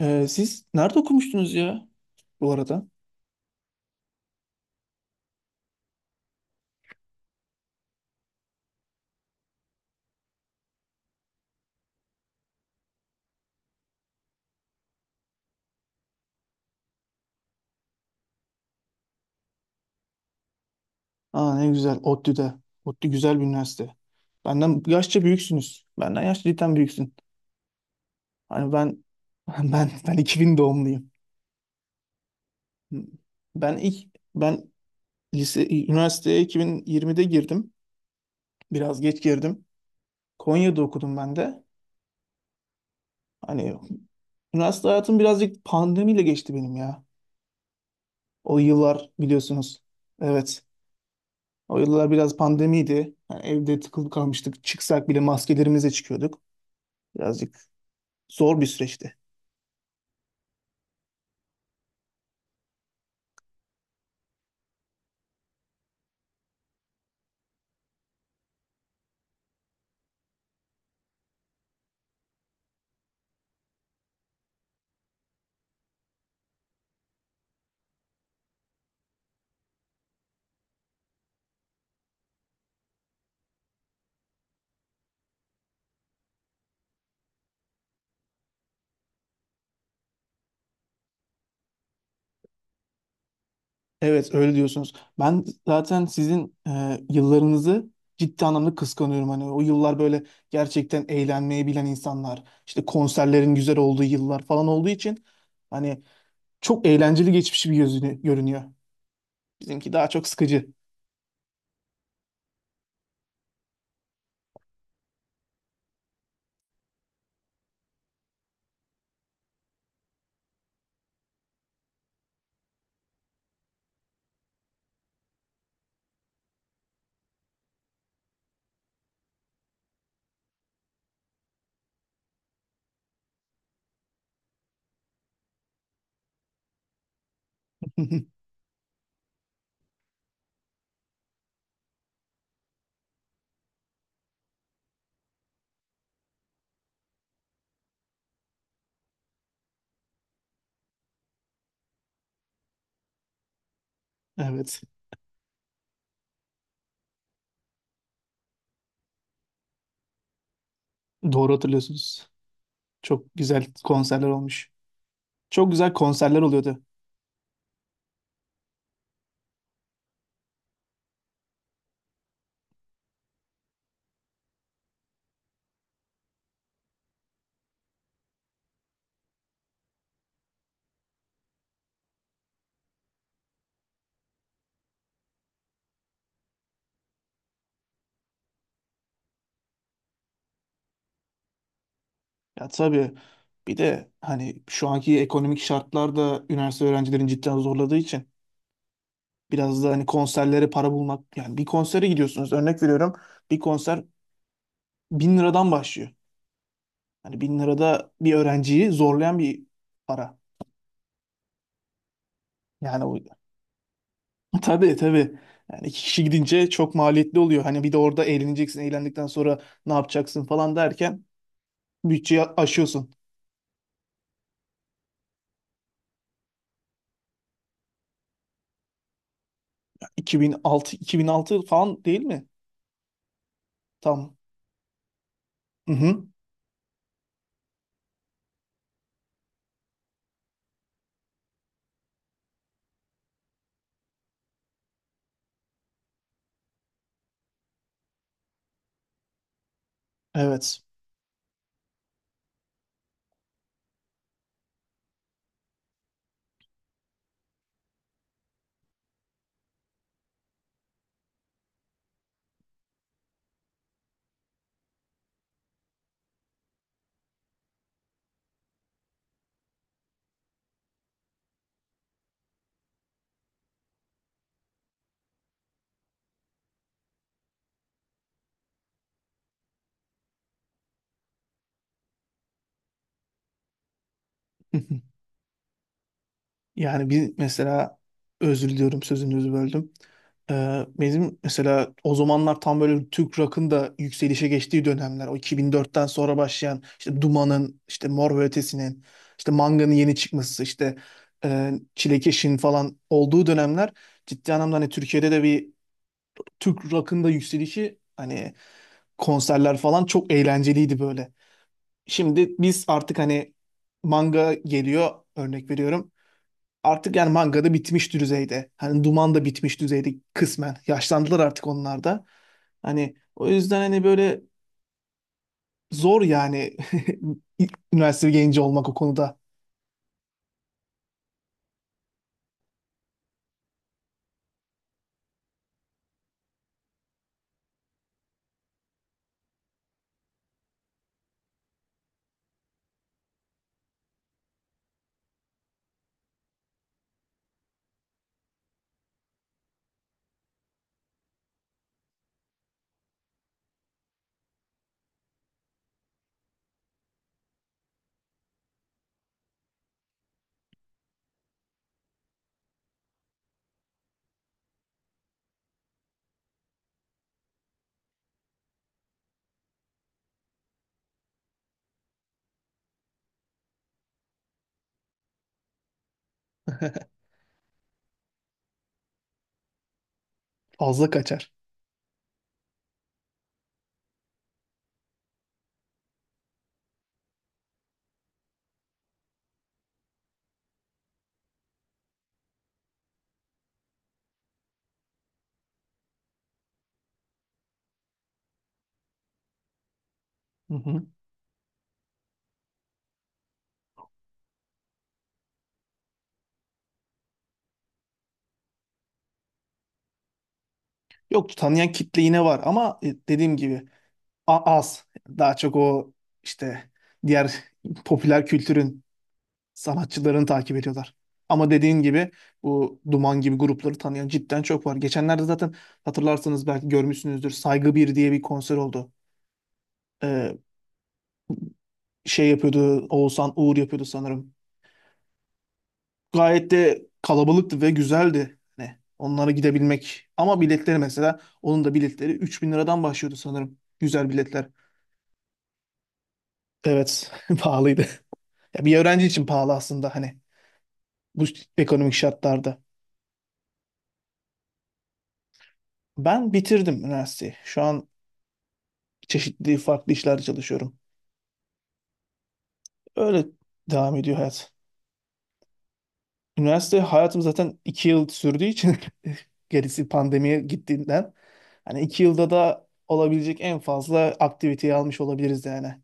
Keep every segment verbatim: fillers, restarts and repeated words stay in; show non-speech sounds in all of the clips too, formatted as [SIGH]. Ee, siz nerede okumuştunuz ya bu arada? Aa, ne güzel ODTÜ'de. ODTÜ güzel bir üniversite. Benden yaşça büyüksünüz. Benden yaşça cidden büyüksün. Hani ben. [LAUGHS] ben ben iki bin doğumluyum. Ben ilk ben lise üniversiteye iki bin yirmide girdim. Biraz geç girdim. Konya'da okudum ben de. Hani üniversite hayatım birazcık pandemiyle geçti benim ya. O yıllar biliyorsunuz. Evet. O yıllar biraz pandemiydi. Yani evde tıkılıp kalmıştık. Çıksak bile maskelerimizle çıkıyorduk. Birazcık zor bir süreçti. Evet, öyle diyorsunuz. Ben zaten sizin e, yıllarınızı ciddi anlamda kıskanıyorum. Hani o yıllar böyle gerçekten eğlenmeyi bilen insanlar, işte konserlerin güzel olduğu yıllar falan olduğu için hani çok eğlenceli geçmiş bir gözünü görünüyor. Bizimki daha çok sıkıcı. [LAUGHS] Evet. Doğru hatırlıyorsunuz. Çok güzel konserler olmuş. Çok güzel konserler oluyordu. Ya tabii, bir de hani şu anki ekonomik şartlar da üniversite öğrencilerin cidden zorladığı için biraz da hani konserlere para bulmak, yani bir konsere gidiyorsunuz, örnek veriyorum, bir konser bin liradan başlıyor. Hani bin lirada bir öğrenciyi zorlayan bir para. Yani o. Tabii, tabii. Yani iki kişi gidince çok maliyetli oluyor. Hani bir de orada eğleneceksin, eğlendikten sonra ne yapacaksın falan derken bütçeyi aşıyorsun. iki bin altı iki bin altı falan değil mi? Tam. Hı hı. Evet. [LAUGHS] Yani bir mesela, özür diliyorum, sözünüzü böldüm. Ee, bizim mesela o zamanlar tam böyle Türk rock'ın da yükselişe geçtiği dönemler. O iki bin dörtten sonra başlayan işte Duman'ın, işte Mor ve Ötesi'nin, işte Manga'nın yeni çıkması, işte e, Çilekeş'in falan olduğu dönemler ciddi anlamda hani Türkiye'de de bir Türk rock'ın da yükselişi, hani konserler falan çok eğlenceliydi böyle. Şimdi biz artık hani Manga geliyor, örnek veriyorum. Artık yani mangada bitmiş düzeyde. Hani Duman da bitmiş düzeyde kısmen. Yaşlandılar artık onlar da. Hani o yüzden hani böyle zor yani [LAUGHS] üniversite genci olmak o konuda. [LAUGHS] Fazla kaçar. Hı hı. Yok, tanıyan kitle yine var ama e, dediğim gibi a- az. Daha çok o işte diğer popüler kültürün sanatçılarını takip ediyorlar. Ama dediğin gibi bu Duman gibi grupları tanıyan cidden çok var. Geçenlerde zaten hatırlarsanız belki görmüşsünüzdür. Saygı bir diye bir konser oldu. Ee, Şey yapıyordu, Oğuzhan Uğur yapıyordu sanırım. Gayet de kalabalıktı ve güzeldi. Hani onlara gidebilmek. Ama biletleri mesela, onun da biletleri üç bin liradan başlıyordu sanırım. Güzel biletler. Evet, [LAUGHS] pahalıydı. Ya bir öğrenci için pahalı aslında hani. Bu ekonomik şartlarda. Ben bitirdim üniversiteyi. Şu an çeşitli farklı işlerde çalışıyorum. Öyle devam ediyor hayat. Üniversite hayatım zaten iki yıl sürdüğü için [LAUGHS] gerisi pandemiye gittiğinden hani iki yılda da olabilecek en fazla aktiviteyi almış olabiliriz yani.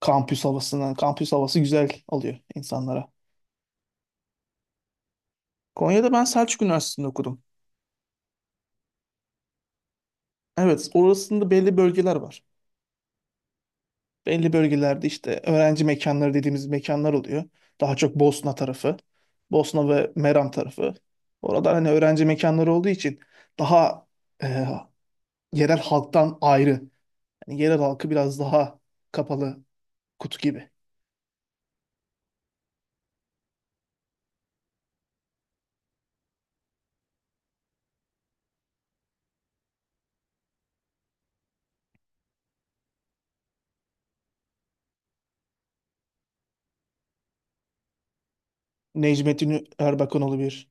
Kampüs havasından. Kampüs havası güzel alıyor insanlara. Konya'da ben Selçuk Üniversitesi'nde okudum. Evet, orasında belli bölgeler var. Belli bölgelerde işte öğrenci mekanları dediğimiz mekanlar oluyor. Daha çok Bosna tarafı, Bosna ve Meram tarafı. Orada hani öğrenci mekanları olduğu için daha e, yerel halktan ayrı. Yani yerel halkı biraz daha kapalı kutu gibi. Necmettin Erbakanoğlu bir.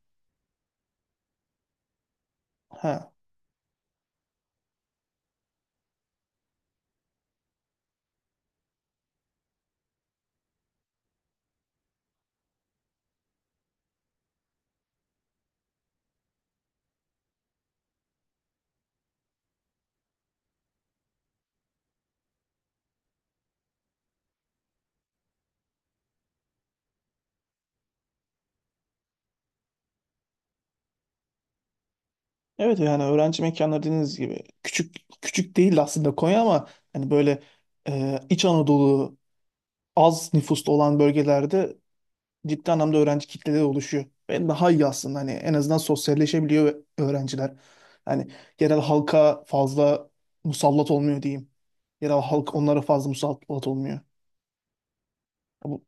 Ha. Evet, yani öğrenci mekanları dediğiniz gibi küçük, küçük değil aslında Konya ama hani böyle e, İç Anadolu az nüfuslu olan bölgelerde ciddi anlamda öğrenci kitlede oluşuyor. Ve daha iyi aslında hani en azından sosyalleşebiliyor öğrenciler. Yani yerel halka fazla musallat olmuyor diyeyim. Yerel halk onlara fazla musallat olmuyor. Bu-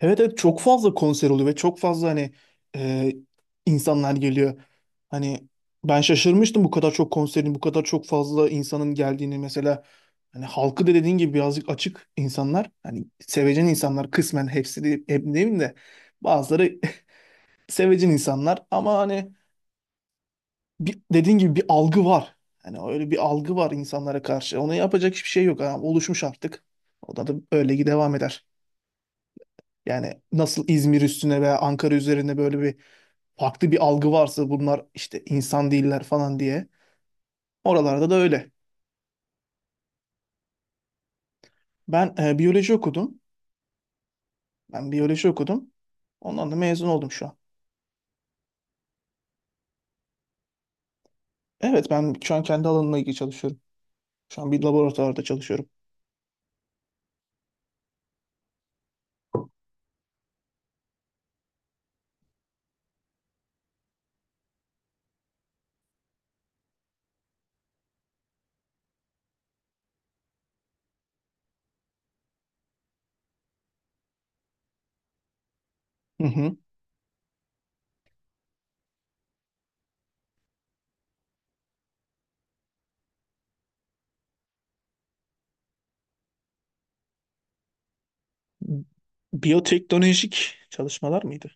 Evet, evet, çok fazla konser oluyor ve çok fazla hani e, insanlar geliyor. Hani ben şaşırmıştım bu kadar çok konserin, bu kadar çok fazla insanın geldiğini mesela. Hani halkı da dediğin gibi birazcık açık insanlar. Hani sevecen insanlar kısmen hepsi de, hep demeyeyim de bazıları [LAUGHS] sevecen insanlar ama hani bir, dediğin gibi bir algı var. Hani öyle bir algı var insanlara karşı. Ona yapacak hiçbir şey yok. Yani oluşmuş artık. O da, da öyle devam eder. Yani nasıl İzmir üstüne veya Ankara üzerine böyle bir farklı bir algı varsa bunlar işte insan değiller falan diye. Oralarda da öyle. Ben e, biyoloji okudum. Ben biyoloji okudum. Ondan da mezun oldum şu an. Evet, ben şu an kendi alanımla ilgili çalışıyorum. Şu an bir laboratuvarda çalışıyorum. Hı hı. Biyoteknolojik çalışmalar mıydı?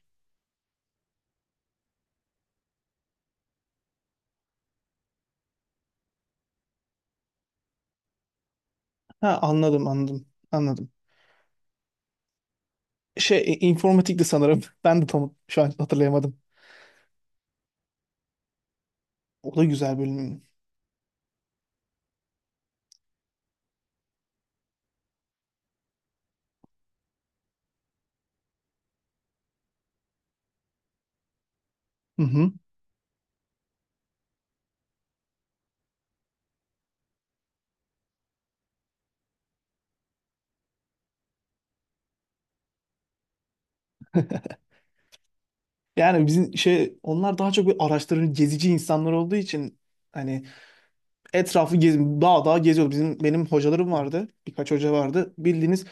Ha, anladım, anladım, anladım. Şey, e, informatikti sanırım. [LAUGHS] Ben de tam şu an hatırlayamadım. O da güzel bölüm. Hı hı. Yani bizim şey onlar daha çok bir araştırıcı, gezici insanlar olduğu için hani etrafı gez, dağ dağ geziyordu. Bizim benim hocalarım vardı. Birkaç hoca vardı. Bildiğiniz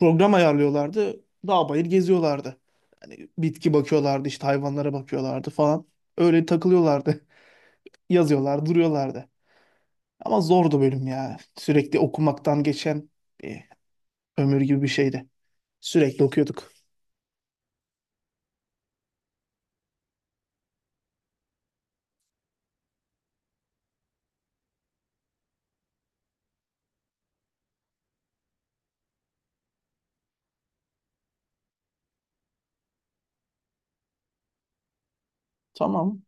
program ayarlıyorlardı. Dağ bayır geziyorlardı. Hani bitki bakıyorlardı, işte hayvanlara bakıyorlardı falan. Öyle takılıyorlardı. [LAUGHS] Yazıyorlar, duruyorlardı. Ama zordu bölüm ya. Sürekli okumaktan geçen bir ömür gibi bir şeydi. Sürekli okuyorduk. Tamam.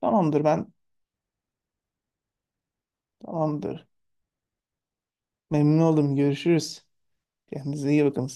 Tamamdır ben. Tamamdır. Memnun oldum. Görüşürüz. Kendinize iyi bakın.